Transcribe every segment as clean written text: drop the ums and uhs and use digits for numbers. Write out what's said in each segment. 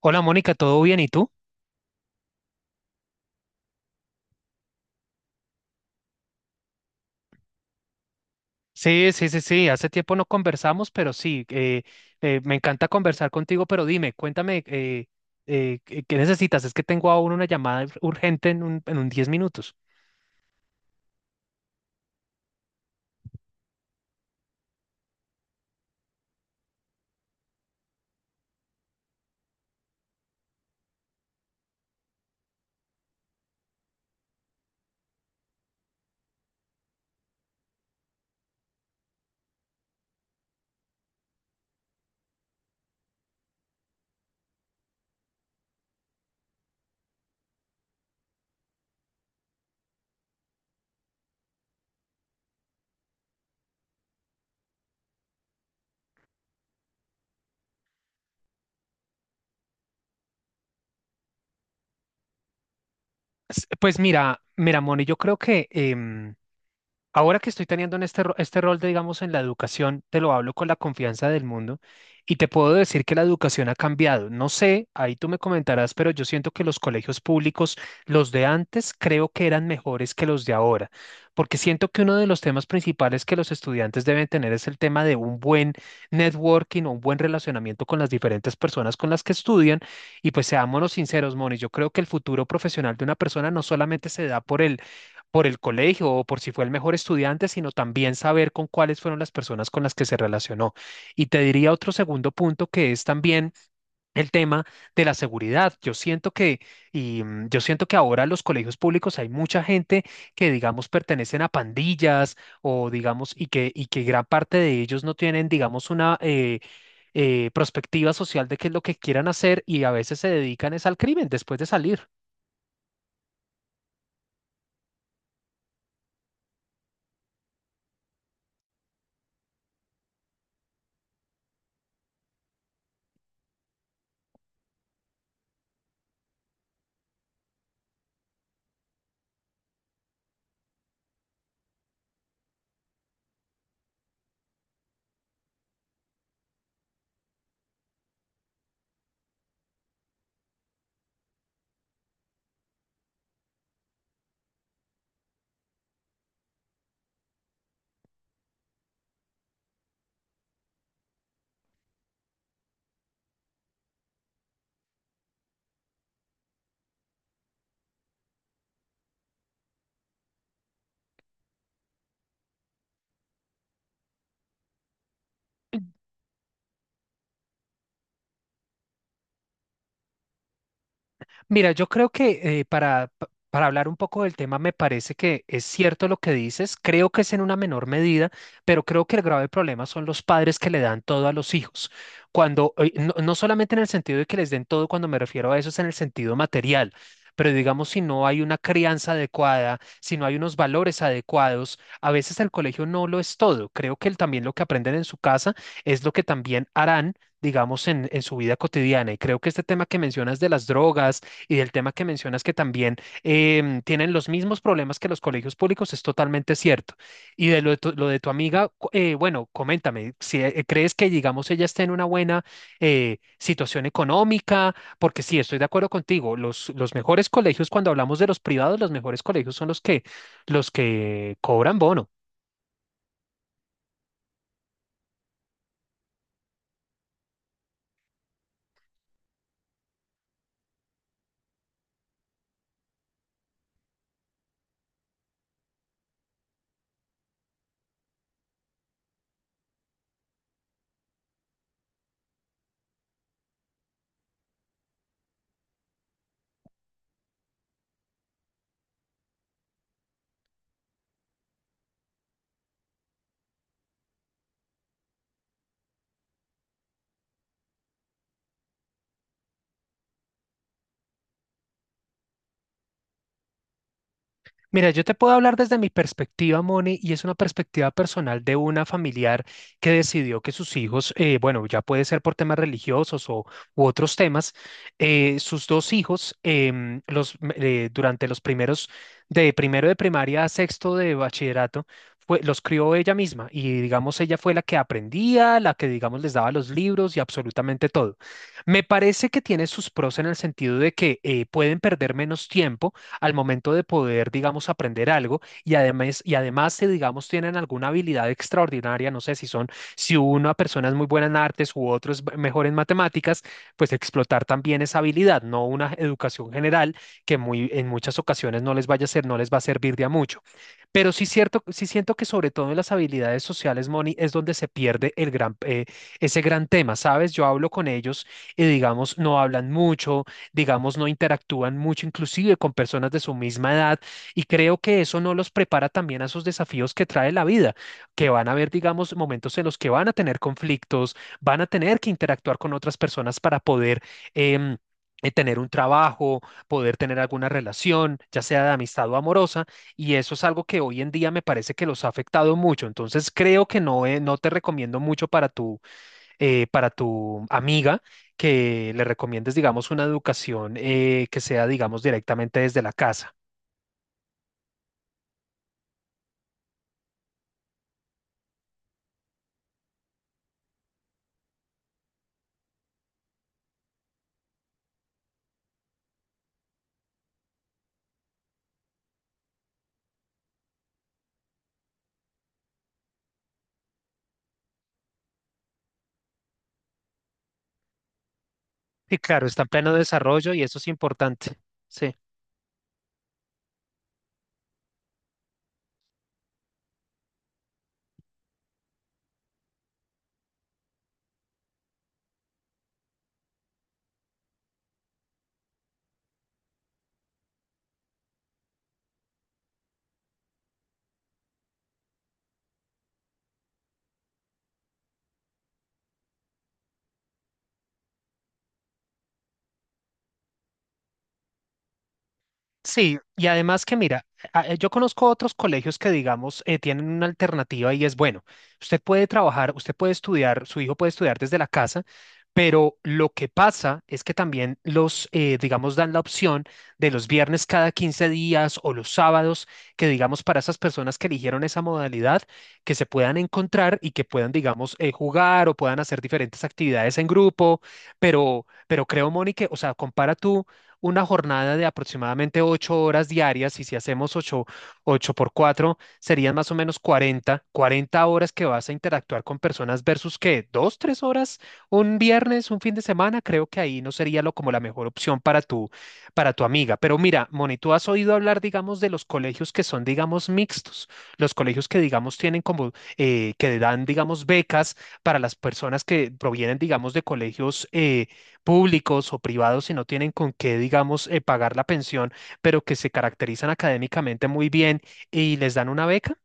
Hola Mónica, ¿todo bien? ¿Y tú? Sí, sí, sí, sí, hace tiempo no conversamos, pero sí, me encanta conversar contigo, pero dime, cuéntame, ¿¿qué necesitas? Es que tengo aún una llamada urgente en un 10 minutos. Pues mira, Moni, yo creo que ahora que estoy teniendo en este rol de, digamos, en la educación, te lo hablo con la confianza del mundo y te puedo decir que la educación ha cambiado. No sé, ahí tú me comentarás, pero yo siento que los colegios públicos, los de antes, creo que eran mejores que los de ahora, porque siento que uno de los temas principales que los estudiantes deben tener es el tema de un buen networking o un buen relacionamiento con las diferentes personas con las que estudian. Y pues seámonos sinceros, Moni, yo creo que el futuro profesional de una persona no solamente se da por el colegio o por si fue el mejor estudiante, sino también saber con cuáles fueron las personas con las que se relacionó. Y te diría otro segundo punto que es también el tema de la seguridad. Yo siento que, yo siento que ahora en los colegios públicos hay mucha gente que, digamos, pertenecen a pandillas o, digamos, y que gran parte de ellos no tienen, digamos, una perspectiva social de qué es lo que quieran hacer y a veces se dedican es al crimen después de salir. Mira, yo creo que para hablar un poco del tema, me parece que es cierto lo que dices, creo que es en una menor medida, pero creo que el grave problema son los padres que le dan todo a los hijos. Cuando, no, no solamente en el sentido de que les den todo, cuando me refiero a eso es en el sentido material, pero digamos si no hay una crianza adecuada, si no hay unos valores adecuados, a veces el colegio no lo es todo. Creo que también lo que aprenden en su casa es lo que también harán. Digamos, en su vida cotidiana. Y creo que este tema que mencionas de las drogas, y del tema que mencionas que también tienen los mismos problemas que los colegios públicos, es totalmente cierto. Y de lo de tu amiga, bueno, coméntame, si crees que, digamos, ella esté en una buena situación económica, porque sí, estoy de acuerdo contigo, los mejores colegios, cuando hablamos de los privados, los mejores colegios son los que cobran bono. Mira, yo te puedo hablar desde mi perspectiva, Moni, y es una perspectiva personal de una familiar que decidió que sus hijos, bueno, ya puede ser por temas religiosos o u otros temas, sus dos hijos, durante los primeros, de primero de primaria a sexto de bachillerato, los crió ella misma y digamos, ella fue la que aprendía, la que digamos les daba los libros y absolutamente todo. Me parece que tiene sus pros en el sentido de que pueden perder menos tiempo al momento de poder, digamos, aprender algo y además, si, digamos, tienen alguna habilidad extraordinaria, no sé si son, si una persona es muy buena en artes u otro es mejor en matemáticas, pues explotar también esa habilidad, no una educación general que en muchas ocasiones no les vaya a ser, no les va a servir de a mucho. Pero sí cierto, sí siento que sobre todo en las habilidades sociales, Moni, es donde se pierde el ese gran tema, ¿sabes? Yo hablo con ellos y digamos, no hablan mucho, digamos, no interactúan mucho, inclusive con personas de su misma edad, y creo que eso no los prepara también a esos desafíos que trae la vida, que van a haber, digamos, momentos en los que van a tener conflictos, van a tener que interactuar con otras personas para poder... em, tener un trabajo, poder tener alguna relación, ya sea de amistad o amorosa, y eso es algo que hoy en día me parece que los ha afectado mucho. Entonces creo que no, no te recomiendo mucho para para tu amiga que le recomiendes, digamos, una educación que sea, digamos, directamente desde la casa. Y claro, está en pleno desarrollo y eso es importante. Sí. Sí, y además que mira, yo conozco otros colegios que digamos tienen una alternativa y es bueno, usted puede trabajar, usted puede estudiar, su hijo puede estudiar desde la casa, pero lo que pasa es que también digamos, dan la opción de los viernes cada 15 días o los sábados, que digamos para esas personas que eligieron esa modalidad, que se puedan encontrar y que puedan, digamos, jugar o puedan hacer diferentes actividades en grupo, pero creo, Mónica, o sea, compara tú una jornada de aproximadamente 8 horas diarias, y si hacemos 8 por 4, serían más o menos 40 horas que vas a interactuar con personas versus que 2, 3 horas un viernes, un fin de semana, creo que ahí no sería lo, como la mejor opción para para tu amiga. Pero mira, Moni, tú has oído hablar, digamos, de los colegios que son, digamos, mixtos, los colegios que, digamos, tienen como, que dan, digamos, becas para las personas que provienen, digamos, de colegios públicos o privados si no tienen con qué, digamos, pagar la pensión, pero que se caracterizan académicamente muy bien y les dan una beca.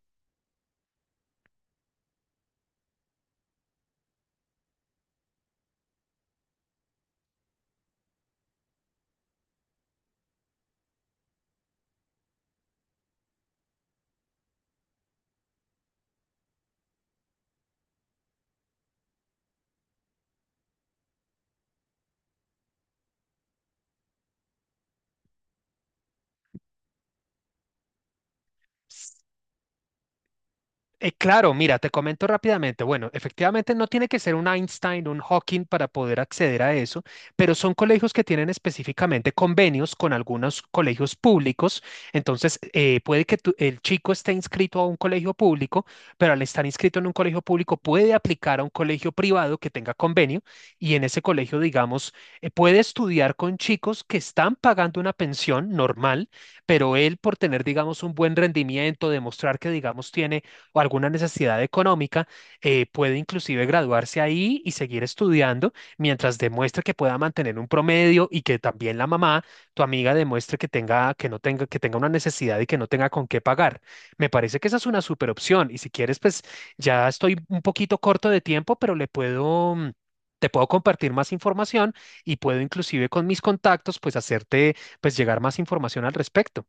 Claro, mira, te comento rápidamente. Bueno, efectivamente no tiene que ser un Einstein, un Hawking para poder acceder a eso, pero son colegios que tienen específicamente convenios con algunos colegios públicos. Entonces, puede que el chico esté inscrito a un colegio público, pero al estar inscrito en un colegio público puede aplicar a un colegio privado que tenga convenio y en ese colegio, digamos, puede estudiar con chicos que están pagando una pensión normal, pero él por tener, digamos, un buen rendimiento, demostrar que, digamos, tiene o alguna necesidad económica, puede inclusive graduarse ahí y seguir estudiando mientras demuestre que pueda mantener un promedio y que también la mamá, tu amiga, demuestre que tenga, que no tenga, que tenga una necesidad y que no tenga con qué pagar. Me parece que esa es una super opción y si quieres, pues ya estoy un poquito corto de tiempo, pero le puedo... te puedo compartir más información y puedo inclusive con mis contactos pues hacerte pues llegar más información al respecto.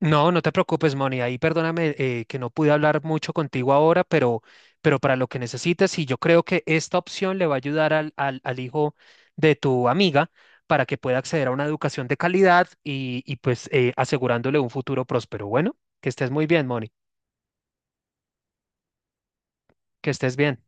No, no te preocupes, Moni. Ahí perdóname que no pude hablar mucho contigo ahora, pero para lo que necesites, y yo creo que esta opción le va a ayudar al hijo de tu amiga para que pueda acceder a una educación de calidad y pues asegurándole un futuro próspero. Bueno, que estés muy bien, Moni. Que estés bien.